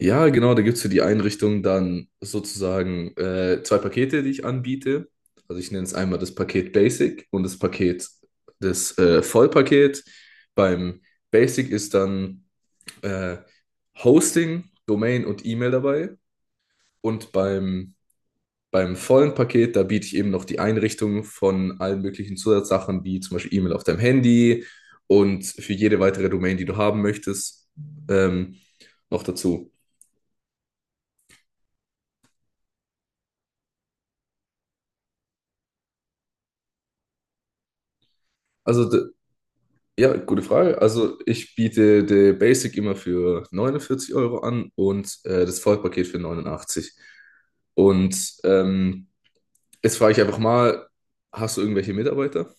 Ja, genau, da gibt es für die Einrichtung dann sozusagen zwei Pakete, die ich anbiete. Also ich nenne es einmal das Paket Basic und das Paket, das Vollpaket. Beim Basic ist dann äh, Hosting, Domain und E-Mail dabei. Und beim, beim vollen Paket, da biete ich eben noch die Einrichtung von allen möglichen Zusatzsachen, wie zum Beispiel E-Mail auf deinem Handy und für jede weitere Domain, die du haben möchtest, ähm, noch dazu. Also d- Ja, gute Frage. Also ich biete der Basic immer für 49 Euro an und das Vollpaket für 89. Und jetzt frage ich einfach mal, hast du irgendwelche Mitarbeiter?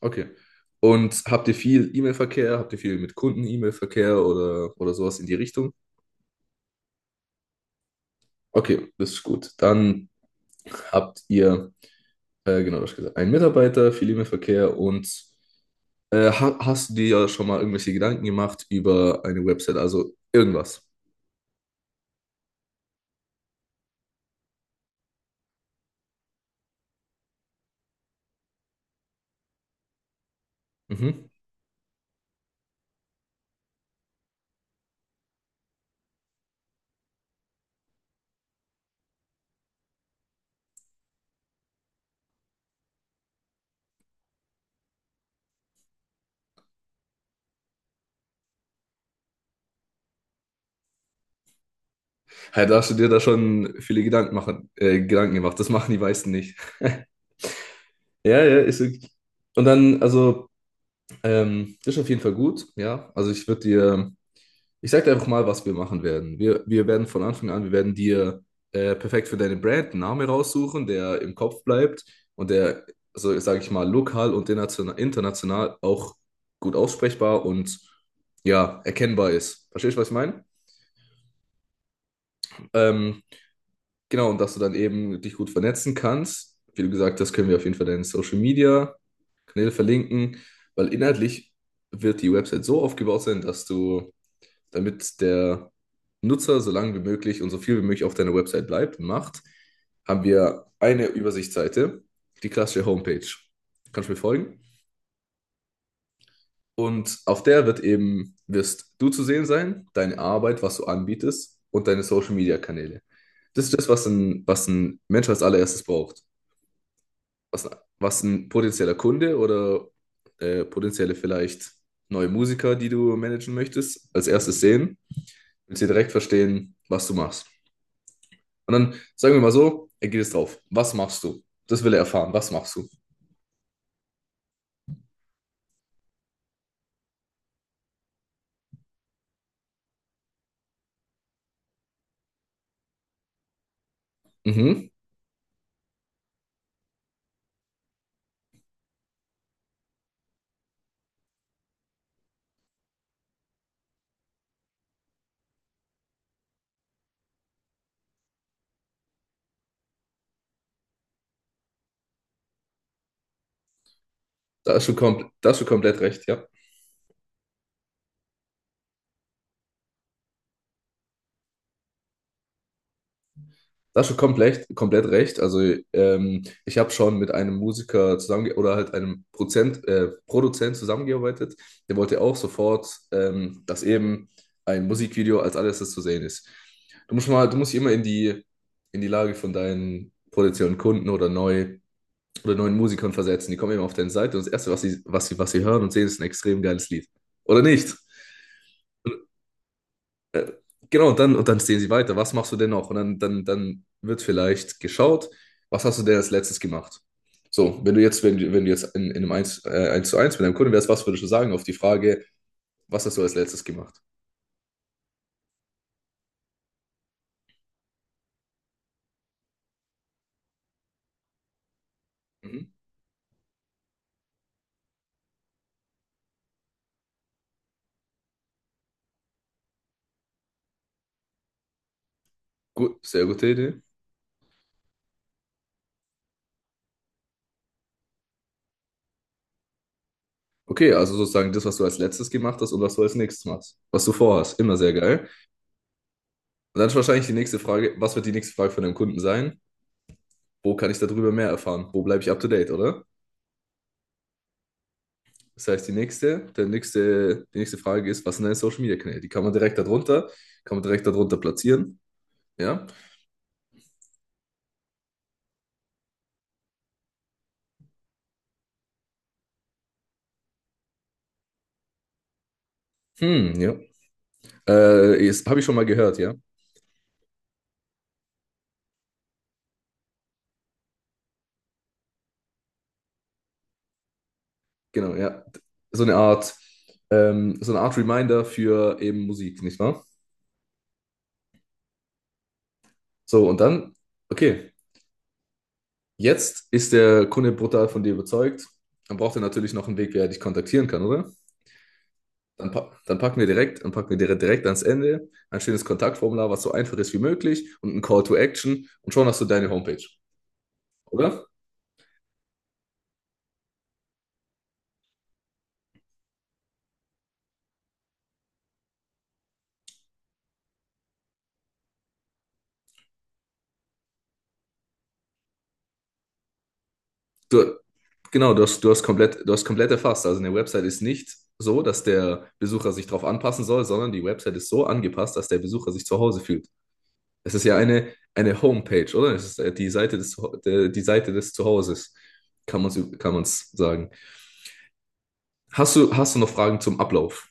Okay. Und habt ihr viel E-Mail-Verkehr? Habt ihr viel mit Kunden E-Mail-Verkehr oder sowas in die Richtung? Okay, das ist gut. Dann habt ihr, genau, das gesagt, einen Mitarbeiter, viel E-Mail-Verkehr und ha hast du dir ja schon mal irgendwelche Gedanken gemacht über eine Website, also irgendwas? Mhm. Ja, da hast du dir da schon viele Gedanken gemacht. Das machen die meisten nicht. Ja, ja, ist wirklich. Und dann, also, das ist auf jeden Fall gut, ja. Also ich würde dir, ich sag dir einfach mal, was wir machen werden. Wir werden von Anfang an, wir werden dir perfekt für deine Brand einen Namen raussuchen, der im Kopf bleibt und der, so sage ich mal, lokal und international, international auch gut aussprechbar und ja, erkennbar ist. Verstehst du, was ich meine? Ähm, Genau, und dass du dann eben dich gut vernetzen kannst. Wie du gesagt hast, können wir auf jeden Fall deine Social Media Kanäle verlinken, weil inhaltlich wird die Website so aufgebaut sein, dass du, damit der Nutzer so lange wie möglich und so viel wie möglich auf deiner Website bleibt und macht, haben wir eine Übersichtsseite, die klassische Homepage. Kannst du mir folgen? Und auf der wird eben, wirst du zu sehen sein, deine Arbeit, was du anbietest und deine Social Media Kanäle. Das ist das, was ein Mensch als allererstes braucht. was, was ein potenzieller Kunde oder potenzielle vielleicht neue Musiker, die du managen möchtest, als erstes sehen, willst du direkt verstehen, was du machst. Und dann sagen wir mal so, er geht jetzt drauf. Was machst du? Das will er erfahren. Was machst du? Mhm. Da hast du komplett recht, ja. Das schon komplett, komplett recht. Also ich habe schon mit einem Musiker zusammen oder halt einem Produzent zusammengearbeitet. Der wollte auch sofort, dass eben ein Musikvideo als alles das zu sehen ist. Du musst dich immer in die Lage von deinen potenziellen Kunden oder neuen Musikern versetzen. Die kommen eben auf deine Seite und das Erste, was sie hören und sehen, ist ein extrem geiles Lied. Oder nicht? Genau, und dann sehen sie weiter. Was machst du denn noch? Dann wird vielleicht geschaut, was hast du denn als letztes gemacht? So, wenn du jetzt in einem 1 zu 1 mit einem Kunden wärst, was würdest du sagen auf die Frage, was hast du als letztes gemacht? Mhm. Gut, sehr gute Idee. Okay, also sozusagen das, was du als letztes gemacht hast und was du als nächstes machst. Was du vorhast, immer sehr geil. Und dann ist wahrscheinlich die nächste Frage, was wird die nächste Frage von deinem Kunden sein? Wo kann ich darüber mehr erfahren? Wo bleibe ich up to date, oder? Das heißt, die nächste Frage ist, was sind deine Social Media Kanäle? Die kann man direkt darunter, kann man direkt darunter platzieren. Ja. Hm, ja. Das habe ich schon mal gehört, ja. Genau, ja. So eine Art, so eine Art Reminder für eben Musik, nicht wahr? So, und dann, okay, jetzt ist der Kunde brutal von dir überzeugt. Dann braucht er natürlich noch einen Weg, wie er dich kontaktieren kann, oder? Dann packen wir direkt ans Ende ein schönes Kontaktformular, was so einfach ist wie möglich und ein Call to Action und schon hast du deine Homepage, oder? Du, genau, du hast komplett erfasst. Also eine Website ist nicht so, dass der Besucher sich darauf anpassen soll, sondern die Website ist so angepasst, dass der Besucher sich zu Hause fühlt. Es ist ja eine Homepage, oder? Es ist die Seite des Zuhauses, kann man kann man's sagen. Hast du noch Fragen zum Ablauf?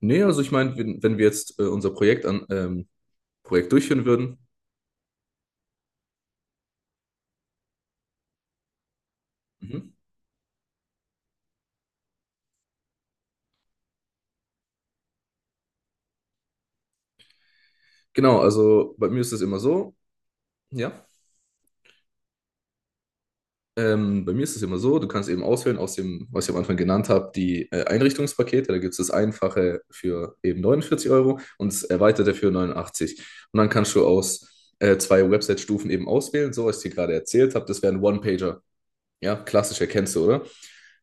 Nee, also ich meine, wenn wir jetzt unser Projekt durchführen würden. Mhm. Genau, also bei mir ist es immer so, ja. Bei mir ist es immer so, du kannst eben auswählen aus dem, was ich am Anfang genannt habe, die Einrichtungspakete. Da gibt es das Einfache für eben 49 Euro und das Erweiterte für 89. Und dann kannst du aus zwei Website-Stufen eben auswählen, so was ich dir gerade erzählt habe. Das wäre ein One-Pager. Ja, klassischer kennst du, oder?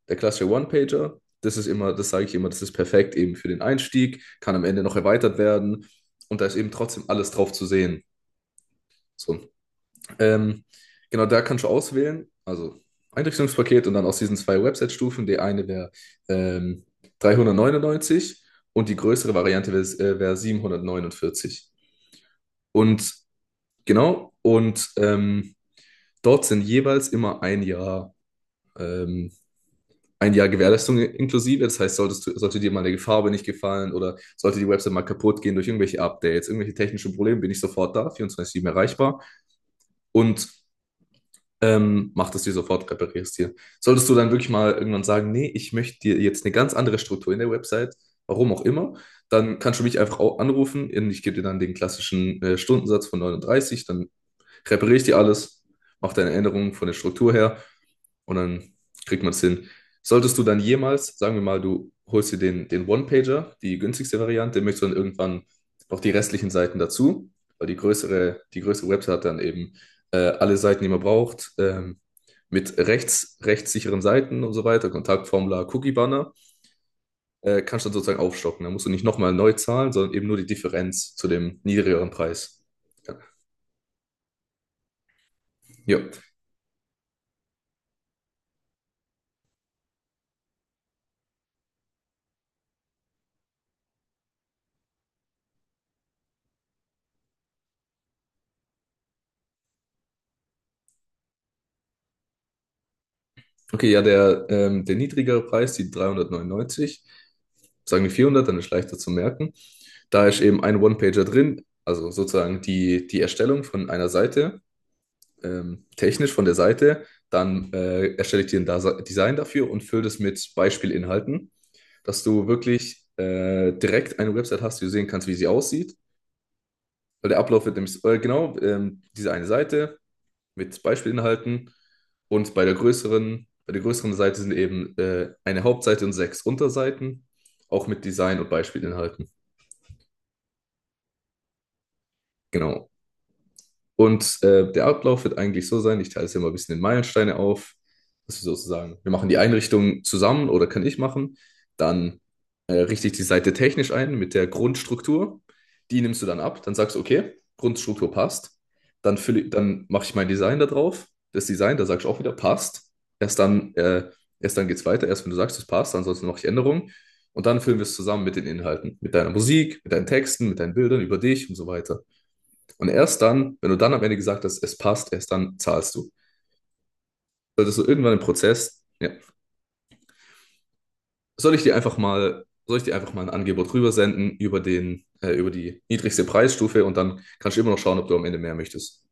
Der klassische One-Pager, das ist immer, das sage ich immer, das ist perfekt eben für den Einstieg, kann am Ende noch erweitert werden und da ist eben trotzdem alles drauf zu sehen. So, Ähm, genau, da kannst du auswählen, also Einrichtungspaket und dann aus diesen zwei Website-Stufen. Die eine wäre ähm, 399 und die größere Variante wäre wär 749. Und genau, und dort sind jeweils immer ähm, 1 Jahr Gewährleistung inklusive. Das heißt, solltest du, sollte dir mal eine Farbe nicht gefallen oder sollte die Website mal kaputt gehen durch irgendwelche Updates, irgendwelche technischen Probleme, bin ich sofort da, 24/7 erreichbar. Und mach das dir sofort, reparierst dir. Solltest du dann wirklich mal irgendwann sagen, nee, ich möchte dir jetzt eine ganz andere Struktur in der Website, warum auch immer, dann kannst du mich einfach anrufen. Ich gebe dir dann den klassischen Stundensatz von 39, dann Präpariere ich dir alles, mach deine Änderungen von der Struktur her und dann kriegt man es hin. Solltest du dann jemals, sagen wir mal, du holst dir den One-Pager, die günstigste Variante, möchtest du dann irgendwann noch die restlichen Seiten dazu, weil die größere Website hat dann eben alle Seiten, die man braucht, mit rechtssicheren Seiten und so weiter, Kontaktformular, Cookie-Banner, kannst du dann sozusagen aufstocken. Da musst du nicht nochmal neu zahlen, sondern eben nur die Differenz zu dem niedrigeren Preis. Ja. Ja. Okay, ja, der niedrigere Preis, die 399, sagen wir 400, dann ist leichter zu merken. Da ist eben ein One-Pager drin, also sozusagen die Erstellung von einer Seite, technisch von der Seite. Dann erstelle ich dir ein Design dafür und fülle das mit Beispielinhalten, dass du wirklich direkt eine Website hast, die du sehen kannst, wie sie aussieht. Weil der Ablauf wird nämlich, diese eine Seite, mit Beispielinhalten. Und bei der größeren Seite sind eben eine Hauptseite und 6 Unterseiten, auch mit Design und Beispielinhalten. Genau. Und der Ablauf wird eigentlich so sein, ich teile es ja mal ein bisschen in Meilensteine auf, dass wir sozusagen, wir machen die Einrichtung zusammen oder kann ich machen, dann richte ich die Seite technisch ein mit der Grundstruktur, die nimmst du dann ab, dann sagst du, okay, Grundstruktur passt, dann mache ich mein Design da drauf, das Design, da sagst du auch wieder, passt, erst dann, äh, erst dann geht es weiter, erst wenn du sagst, es passt, ansonsten mache ich Änderungen und dann füllen wir es zusammen mit den Inhalten, mit deiner Musik, mit deinen Texten, mit deinen Bildern über dich und so weiter. Und erst dann, wenn du dann am Ende gesagt hast, es passt, erst dann zahlst du. Solltest du irgendwann im Prozess, ja, soll ich dir einfach mal ein Angebot rübersenden über den, über die niedrigste Preisstufe und dann kannst du immer noch schauen, ob du am Ende mehr möchtest.